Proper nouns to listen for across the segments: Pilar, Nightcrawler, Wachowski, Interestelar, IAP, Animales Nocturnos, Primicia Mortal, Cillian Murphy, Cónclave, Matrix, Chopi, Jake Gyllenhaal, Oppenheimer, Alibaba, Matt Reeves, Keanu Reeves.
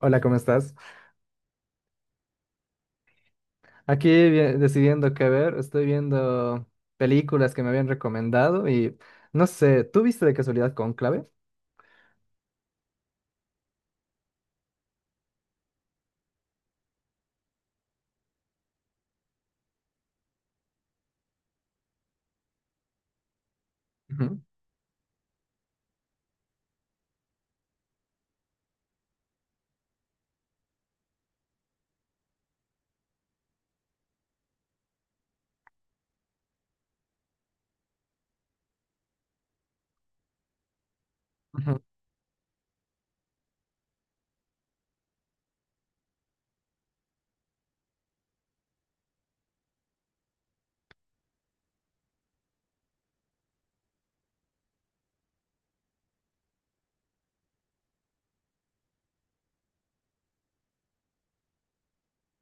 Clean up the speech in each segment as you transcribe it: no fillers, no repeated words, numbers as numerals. Hola, ¿cómo estás? Aquí decidiendo qué ver, estoy viendo películas que me habían recomendado y no sé, ¿tú viste de casualidad Cónclave? Ujú, ujú.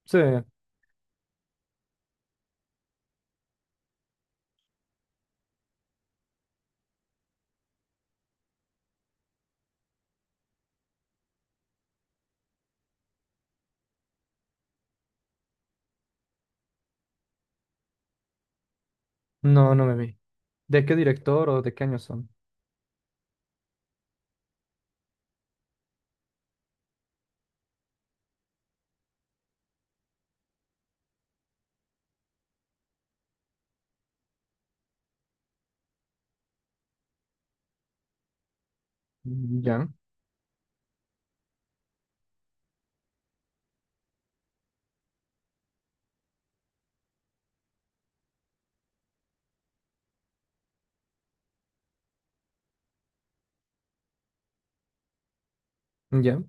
Sí, no, no me vi. ¿De qué director o de qué año son? Ya, ya.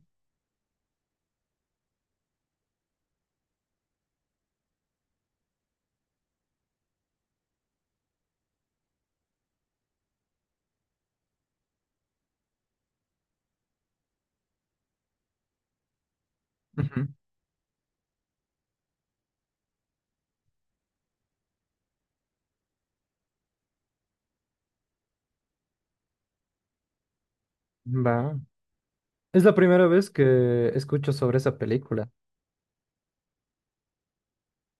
Ujú. Va. Es la primera vez que escucho sobre esa película.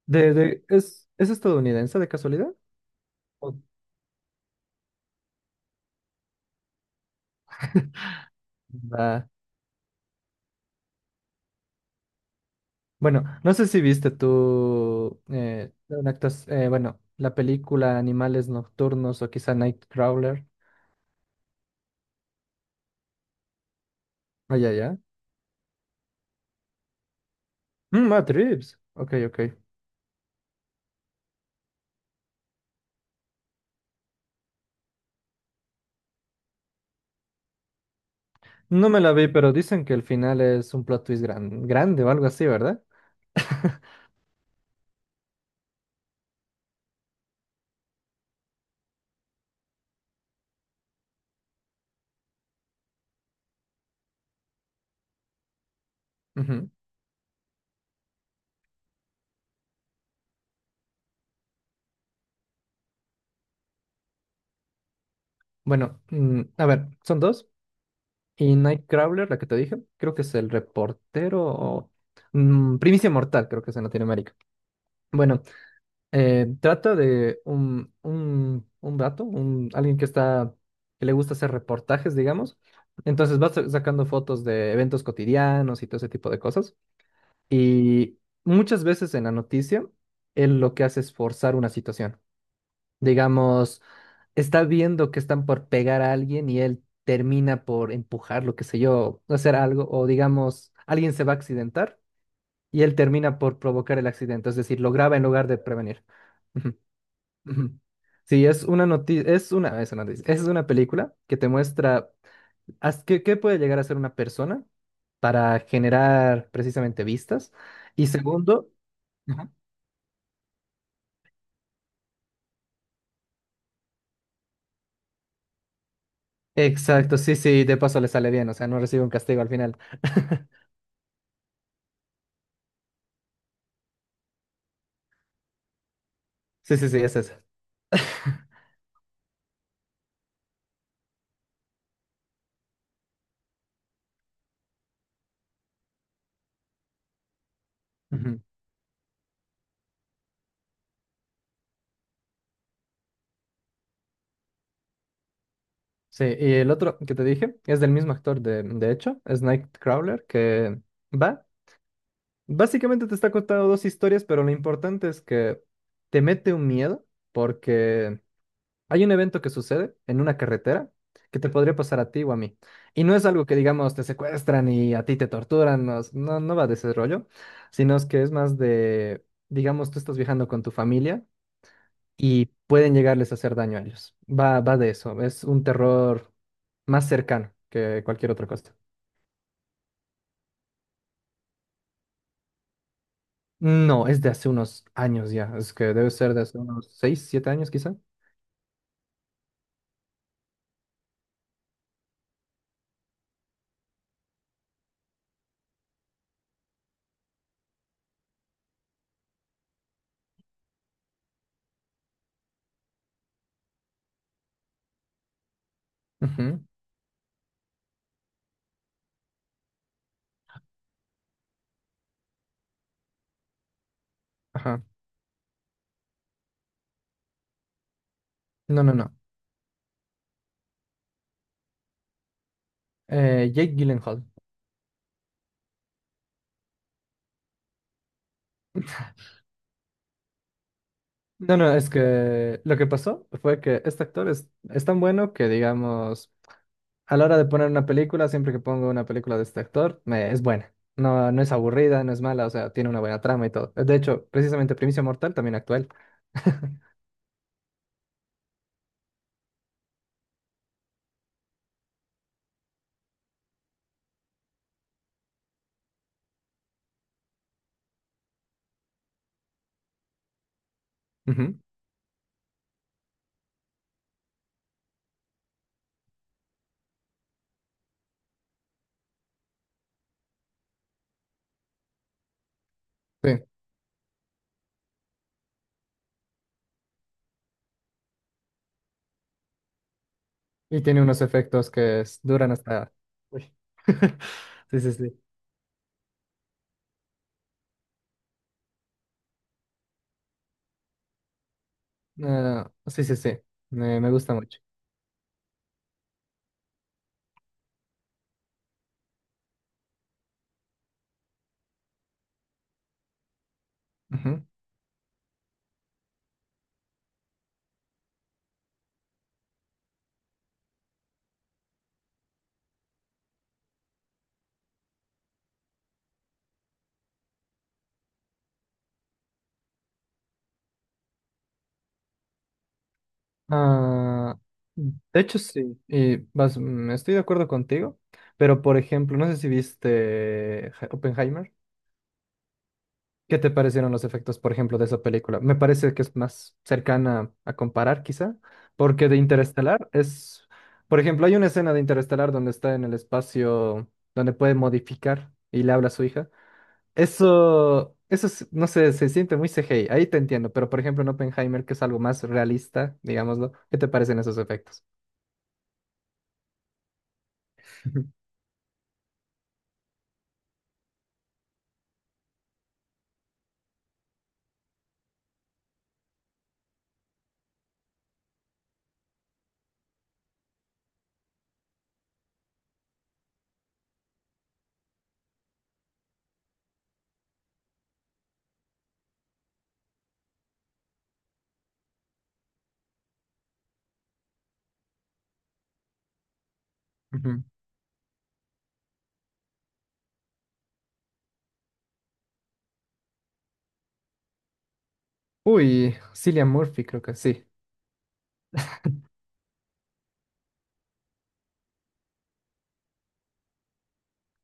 Es estadounidense de casualidad? Ok. Va. Bueno, no sé si viste tú una la película Animales Nocturnos o quizá Nightcrawler. Ah, ya, ya. Matt Reeves. Ok, ok. No me la vi, pero dicen que el final es un plot twist grande o algo así, ¿verdad? Ujú. Bueno, a ver, son dos. Y Nightcrawler, la que te dije, creo que es el reportero o Primicia Mortal, creo que es en Latinoamérica. Bueno, trata de un vato, un, alguien que está, que le gusta hacer reportajes, digamos. Entonces va sacando fotos de eventos cotidianos y todo ese tipo de cosas. Y muchas veces en la noticia, él lo que hace es forzar una situación. Digamos, está viendo que están por pegar a alguien y él termina por empujarlo, qué sé yo, hacer algo. O digamos, alguien se va a accidentar y él termina por provocar el accidente. Es decir, lo graba en lugar de prevenir. Ujú. Sí, es una noticia, es una noticia, es una película que te muestra qué puede llegar a ser una persona para generar precisamente vistas. Y segundo, ajá, exacto, sí, sí, de paso le sale bien, o sea, no recibe un castigo al final. Sí, sí, sí, es esa. Ujú. Sí, y el otro que te dije es del mismo actor, de hecho, es Nightcrawler, que va, básicamente te está contando dos historias, pero lo importante es que te mete un miedo porque... Hay un evento que sucede en una carretera que te podría pasar a ti o a mí. Y no es algo que, digamos, te secuestran y a ti te torturan, no, no, no va de ese rollo, sino es que es más de, digamos, tú estás viajando con tu familia y pueden llegarles a hacer daño a ellos. Va, va de eso, es un terror más cercano que cualquier otra cosa. No, es de hace unos años ya, es que debe ser de hace unos seis siete años quizá. Ujú, ajá. No, no, no. Jake Gyllenhaal. No, no, es que lo que pasó fue que este actor es tan bueno que, digamos, a la hora de poner una película, siempre que pongo una película de este actor, me, es buena. No, no es aburrida, no es mala, o sea, tiene una buena trama y todo. De hecho, precisamente Primicia Mortal también actual. Ujú, sí. Y tiene unos efectos que duran hasta... Uy. Sí, sí, sí. Ah, sí, sí, sí. Me gusta mucho. Ah, de hecho, sí, y vas, estoy de acuerdo contigo, pero por ejemplo, no sé si viste Oppenheimer. ¿Qué te parecieron los efectos, por ejemplo, de esa película? Me parece que es más cercana a comparar, quizá, porque de Interestelar es, por ejemplo, hay una escena de Interestelar donde está en el espacio, donde puede modificar y le habla a su hija. Eso, no sé, se siente muy CGI, ahí te entiendo, pero por ejemplo en Oppenheimer, que es algo más realista, digámoslo, ¿qué te parecen esos efectos? Ujú. Uy, Cillian Murphy, creo que sí.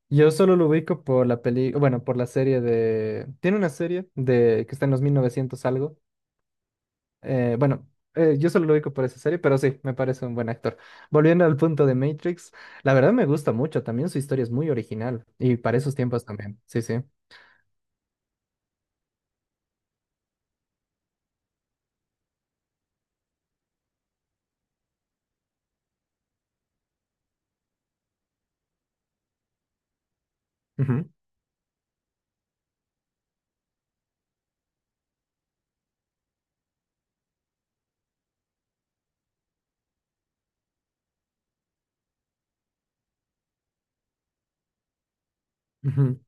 Yo solo lo ubico por la peli, bueno, por la serie de. Tiene una serie de que está en los 1900 algo. Bueno, yo solo lo ubico por esa serie, pero sí, me parece un buen actor. Volviendo al punto de Matrix, la verdad me gusta mucho. También su historia es muy original y para esos tiempos también. Sí, sí. Ujú, ujú.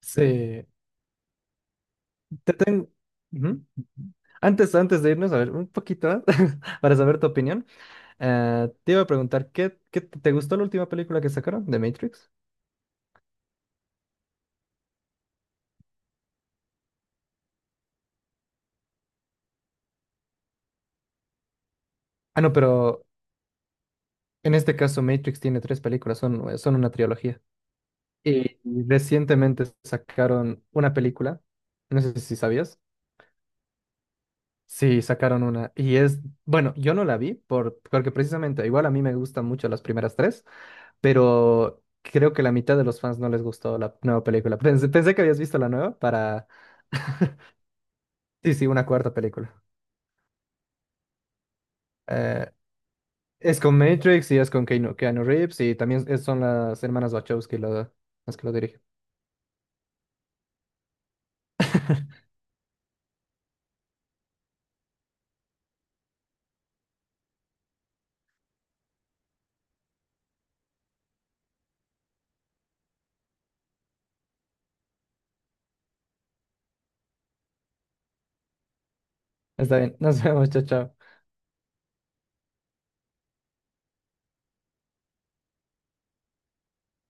Sí, te tengo... Ujú. Antes de irnos, a ver, un poquito más, para saber tu opinión, te iba a preguntar, ¿qué, te gustó la última película que sacaron de Matrix? Ah, no, pero en este caso Matrix tiene tres películas, son, son una trilogía. Y recientemente sacaron una película, no sé si sabías. Sí, sacaron una. Y es, bueno, yo no la vi por, porque precisamente, igual a mí me gustan mucho las primeras tres. Pero creo que la mitad de los fans no les gustó la nueva película. Pensé que habías visto la nueva para... Sí, sí, una cuarta película. Eh, es con Matrix y es con Keanu Reeves y también son las hermanas Wachowski las que lo dirigen. Está bien, nos vemos, chao, chao.